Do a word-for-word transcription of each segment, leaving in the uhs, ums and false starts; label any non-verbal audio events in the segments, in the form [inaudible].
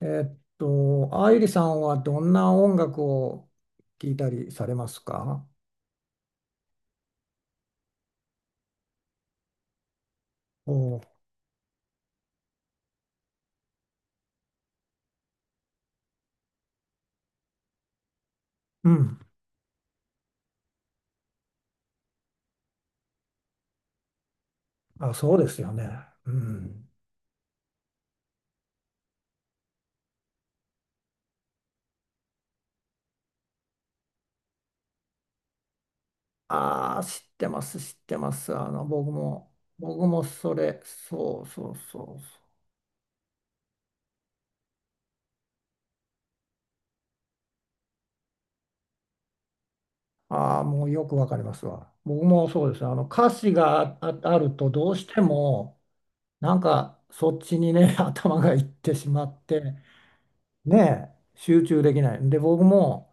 えーっと、愛理さんはどんな音楽を聴いたりされますか？おう、うん。あ、そうですよね。うん。ああ、知ってます、知ってます。あの、僕も、僕もそれ、そうそうそうそう。ああ、もうよくわかりますわ。僕もそうですねあの、歌詞があ、あるとどうしても、なんかそっちにね、[laughs] 頭がいってしまって、ねえ、集中できない。で、僕も、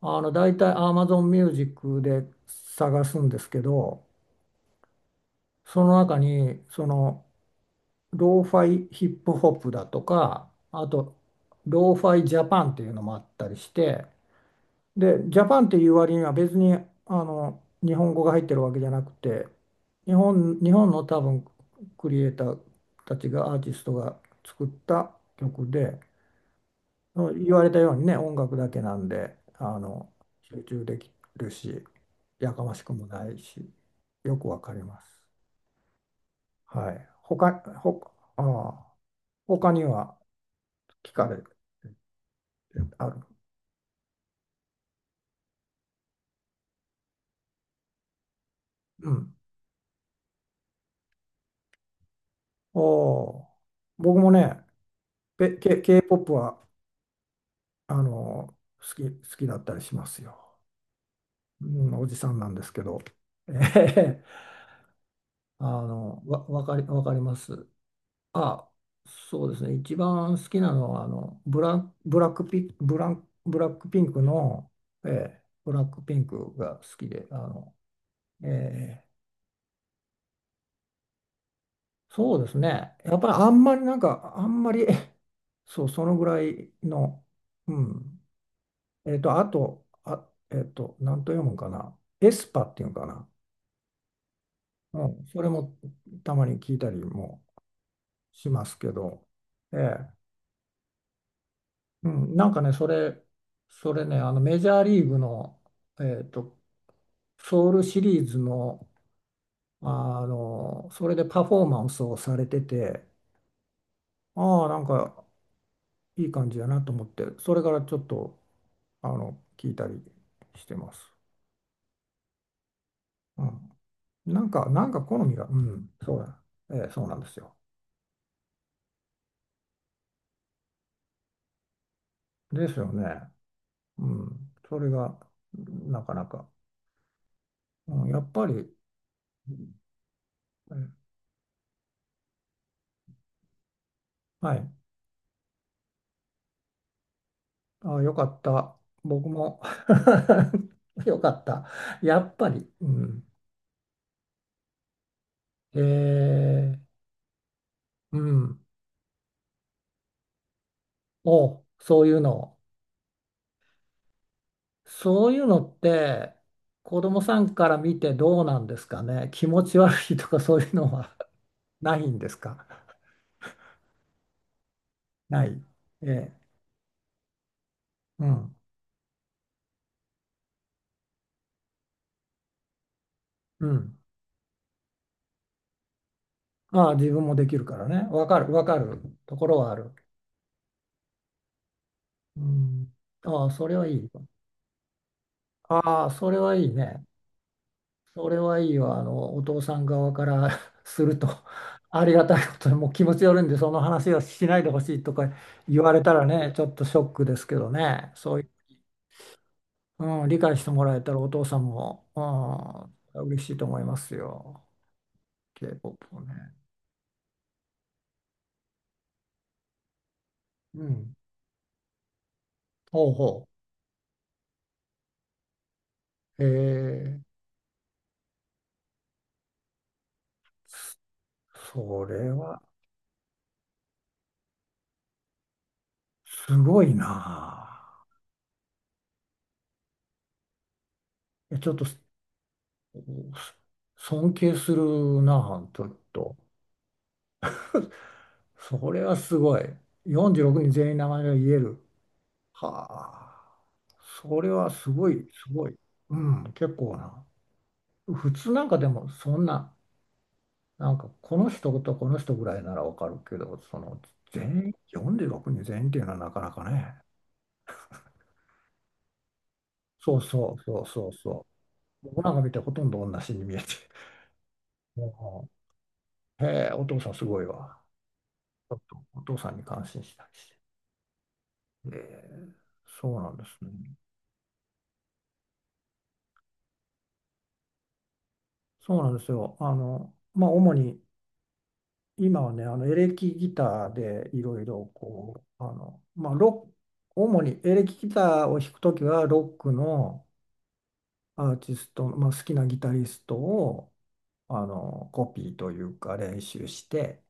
あの、大体 Amazon Music で探すんですけど、その中に、その、ローファイヒップホップだとか、あと、ローファイジャパンっていうのもあったりして、で、ジャパンっていう割には別に、あの、日本語が入ってるわけじゃなくて、日本、日本の多分、クリエイターたちが、アーティストが作った曲で、言われたようにね、音楽だけなんで、あの、集中できるし、やかましくもないし、よくわかります。はい。他、ほ、ああ、他には聞かれてある。うん。おお、僕もね、ペ、K、K-ポップ は、あの、好き、好きだったりしますよ。うん、おじさんなんですけど。えへへあの、わ、わかり、わかります。あ、そうですね。一番好きなのは、あの、ブラ、ブラックピ、ブラン、ブラックピンクの、ええ、ブラックピンクが好きで、あの、ええそうですね。やっぱりあんまりなんか、あんまり、[laughs] そう、そのぐらいの、うん。えっと、あと、あ、えっと、なんと読むんかな。エスパっていうのかな。うん、それもたまに聞いたりもしますけど、ええ、うん、なんかね、それ、それね、あのメジャーリーグの、えーと、ソウルシリーズの、あの、それでパフォーマンスをされてて、ああ、なんかいい感じやなと思って、それからちょっと、あの、聞いたりしてます。うん。なんか、なんか好みが、うん、そうだ、ええ、そうなんですよ。ですよね。うん。それが、なかなか、うん、やっぱり、うん、はい。ああ、よかった。僕も [laughs] よかった。やっぱり。うん。えー、うん。お、そういうの。そういうのって、子供さんから見てどうなんですかね。気持ち悪いとかそういうのは [laughs] ないんですか。ない。ええ、うん。うん。ああ、自分もできるからね。わかる、わかるところはある。うん。ああ、それはいい。ああ、それはいいね。それはいいわ。あの、お父さん側から [laughs] すると、[laughs] ありがたいことに、もう気持ちよるんで、その話はしないでほしいとか言われたらね、ちょっとショックですけどね、そういう、うん、理解してもらえたらお父さんも、うん、嬉しいと思いますよ。K-ポップ をね。うん。ほうほう。えー、それはすごいなあ。えちょっとす尊敬するなあ、ちょっと。それはすごい。よんじゅうろくにん全員名前が言える。はあ。それはすごい、すごい。うん、結構な。普通なんかでもそんな、なんかこの人とこの人ぐらいならわかるけど、その全員、よんじゅうろくにん全員っていうのはなかなかね。そうそうそうそうそう。僕なんか見てほとんど同じに見えて。[laughs] もう、へえ、お父さんすごいわ。ちょっとお父さんに感心したりして。ええ、そうなんですね。そうなんですよ。あの、まあ、主に今はね、あのエレキギターでいろいろこう、あの、まあ、ロック、主にエレキギターを弾くときは、ロックのアーティストの、まあ、好きなギタリストをあのコピーというか練習して、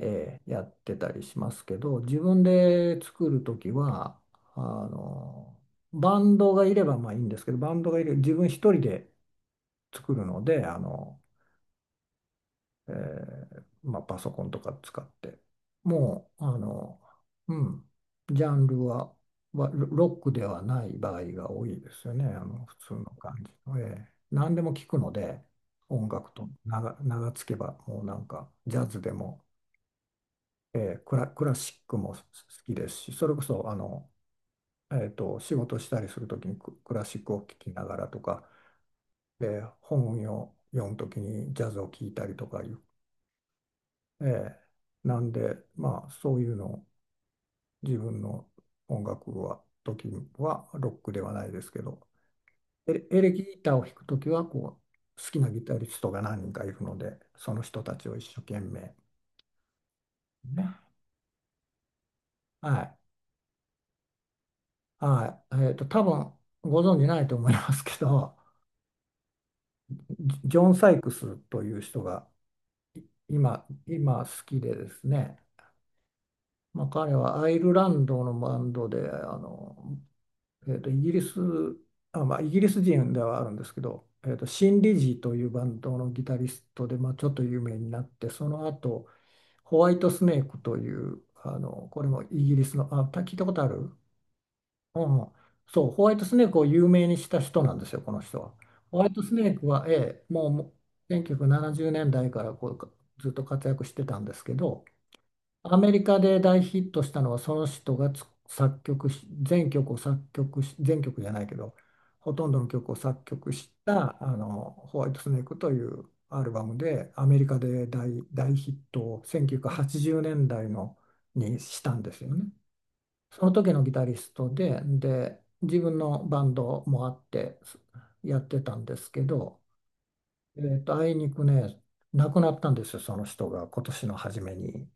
えーやってたりしますけど、自分で作るときは、あの、バンドがいればまあいいんですけど、バンドがいる、自分一人で作るので、あの、えーまあ、パソコンとか使って、もう、あの、うん、ジャンルは、わロロックではない場合が多いですよね、あの、普通の感じの。ええ何でも聞くので、音楽と名が、名がつけば、もうなんか、ジャズでも、ええクラ、クラシックも好きですし、それこそ、あの、えっと、仕事したりするときにク、クラシックを聴きながらとか、で本を読むときにジャズを聴いたりとかいう、ええ、なんで、まあ、そういうのを自分の音楽は、時はロックではないですけど、エレ、エレキギターを弾くときはこう、好きなギタリストが何人かいるので、その人たちを一生懸命、ね。はい。はい。えっと、多分ご存じないと思いますけど、ジジョン・サイクスという人が今、今好きでですね、まあ、彼はアイルランドのバンドで、あの、えーと、イギリス、あ、まあ、イギリス人ではあるんですけど、えーと、シン・リジーというバンドのギタリストで、まあ、ちょっと有名になって、その後、ホワイトスネークという、あの、これもイギリスの、あ、た聞いたことある、うんうん。そう、ホワイトスネークを有名にした人なんですよ、この人は。ホワイトスネークは、ええ、もうもうせんきゅうひゃくななじゅうねんだいからこうずっと活躍してたんですけど、アメリカで大ヒットしたのはその人がつ作曲し全曲を作曲し全曲じゃないけどほとんどの曲を作曲したあのホワイトスネークというアルバムでアメリカで大、大ヒットをせんきゅうひゃくはちじゅうねんだいのにしたんですよね。その時のギタリストで、で自分のバンドもあってすやってたんですけど、えーと、あいにくね亡くなったんですよその人が今年の初めに。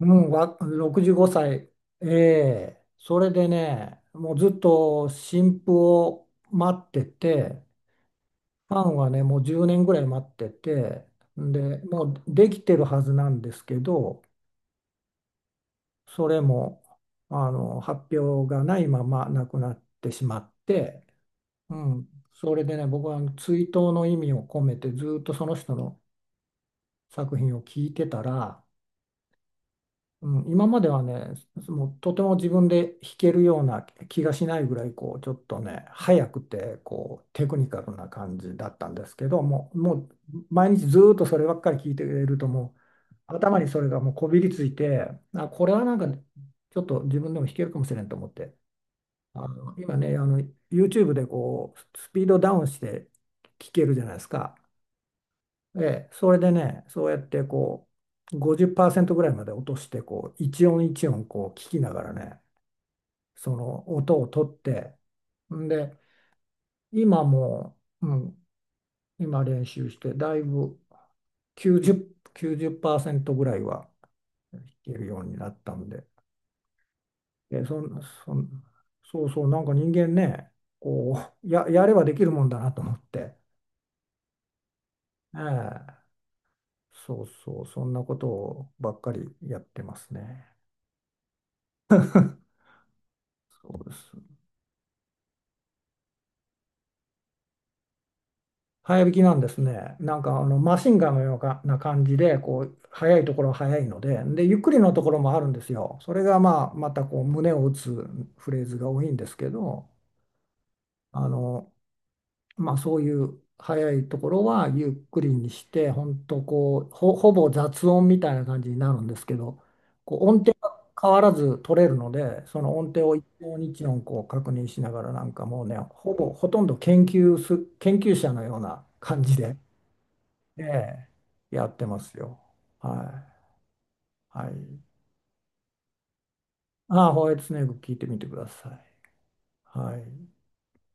うん、わ、ろくじゅうごさい。ええ、それでね、もうずっと新婦を待ってて、ファンはね、もうじゅうねんぐらい待ってて、で、もうできてるはずなんですけど、それも、あの、発表がないまま亡くなってしまって、うん、それでね、僕は追悼の意味を込めてずっとその人の作品を聞いてたら、うん、今まではね、もうとても自分で弾けるような気がしないぐらい、こう、ちょっとね、速くて、こう、テクニカルな感じだったんですけど、もう、もう毎日ずーっとそればっかり聞いてると、もう、頭にそれがもうこびりついて、あ、これはなんか、ちょっと自分でも弾けるかもしれんと思って、あの、今ね、あの、YouTube でこう、スピードダウンして聴けるじゃないですか。ええ、それでね、そうやってこう、ごじゅうパーセントぐらいまで落として、こう、一音一音こう聞きながらね、その音を取って、んで、今もう、うん、今練習して、だいぶきゅうじゅう、きゅうじゅっパーセントぐらいは弾けるようになったんで、え、そん、そん、そうそう、なんか人間ね、こう、や、やればできるもんだなと思って、ええ、そうそう、そんなことばっかりやってますね。そうです。早引きなんですね。なんかあのマシンガンのようなな感じで、こう、速いところは速いので、で、ゆっくりのところもあるんですよ。それがまあ、またこう、胸を打つフレーズが多いんですけど、あの、まあ、そういう速いところはゆっくりにして、本当こう、ほ、ほぼ雑音みたいな感じになるんですけど、こう音程が変わらず取れるので、その音程を一音一音こう確認しながら、なんかもうね、ほぼ、ほとんど研究す、研究者のような感じで。ええ、やってますよ。はい。はい。ああ、ホワイトスネーク聞いてみてください。はい。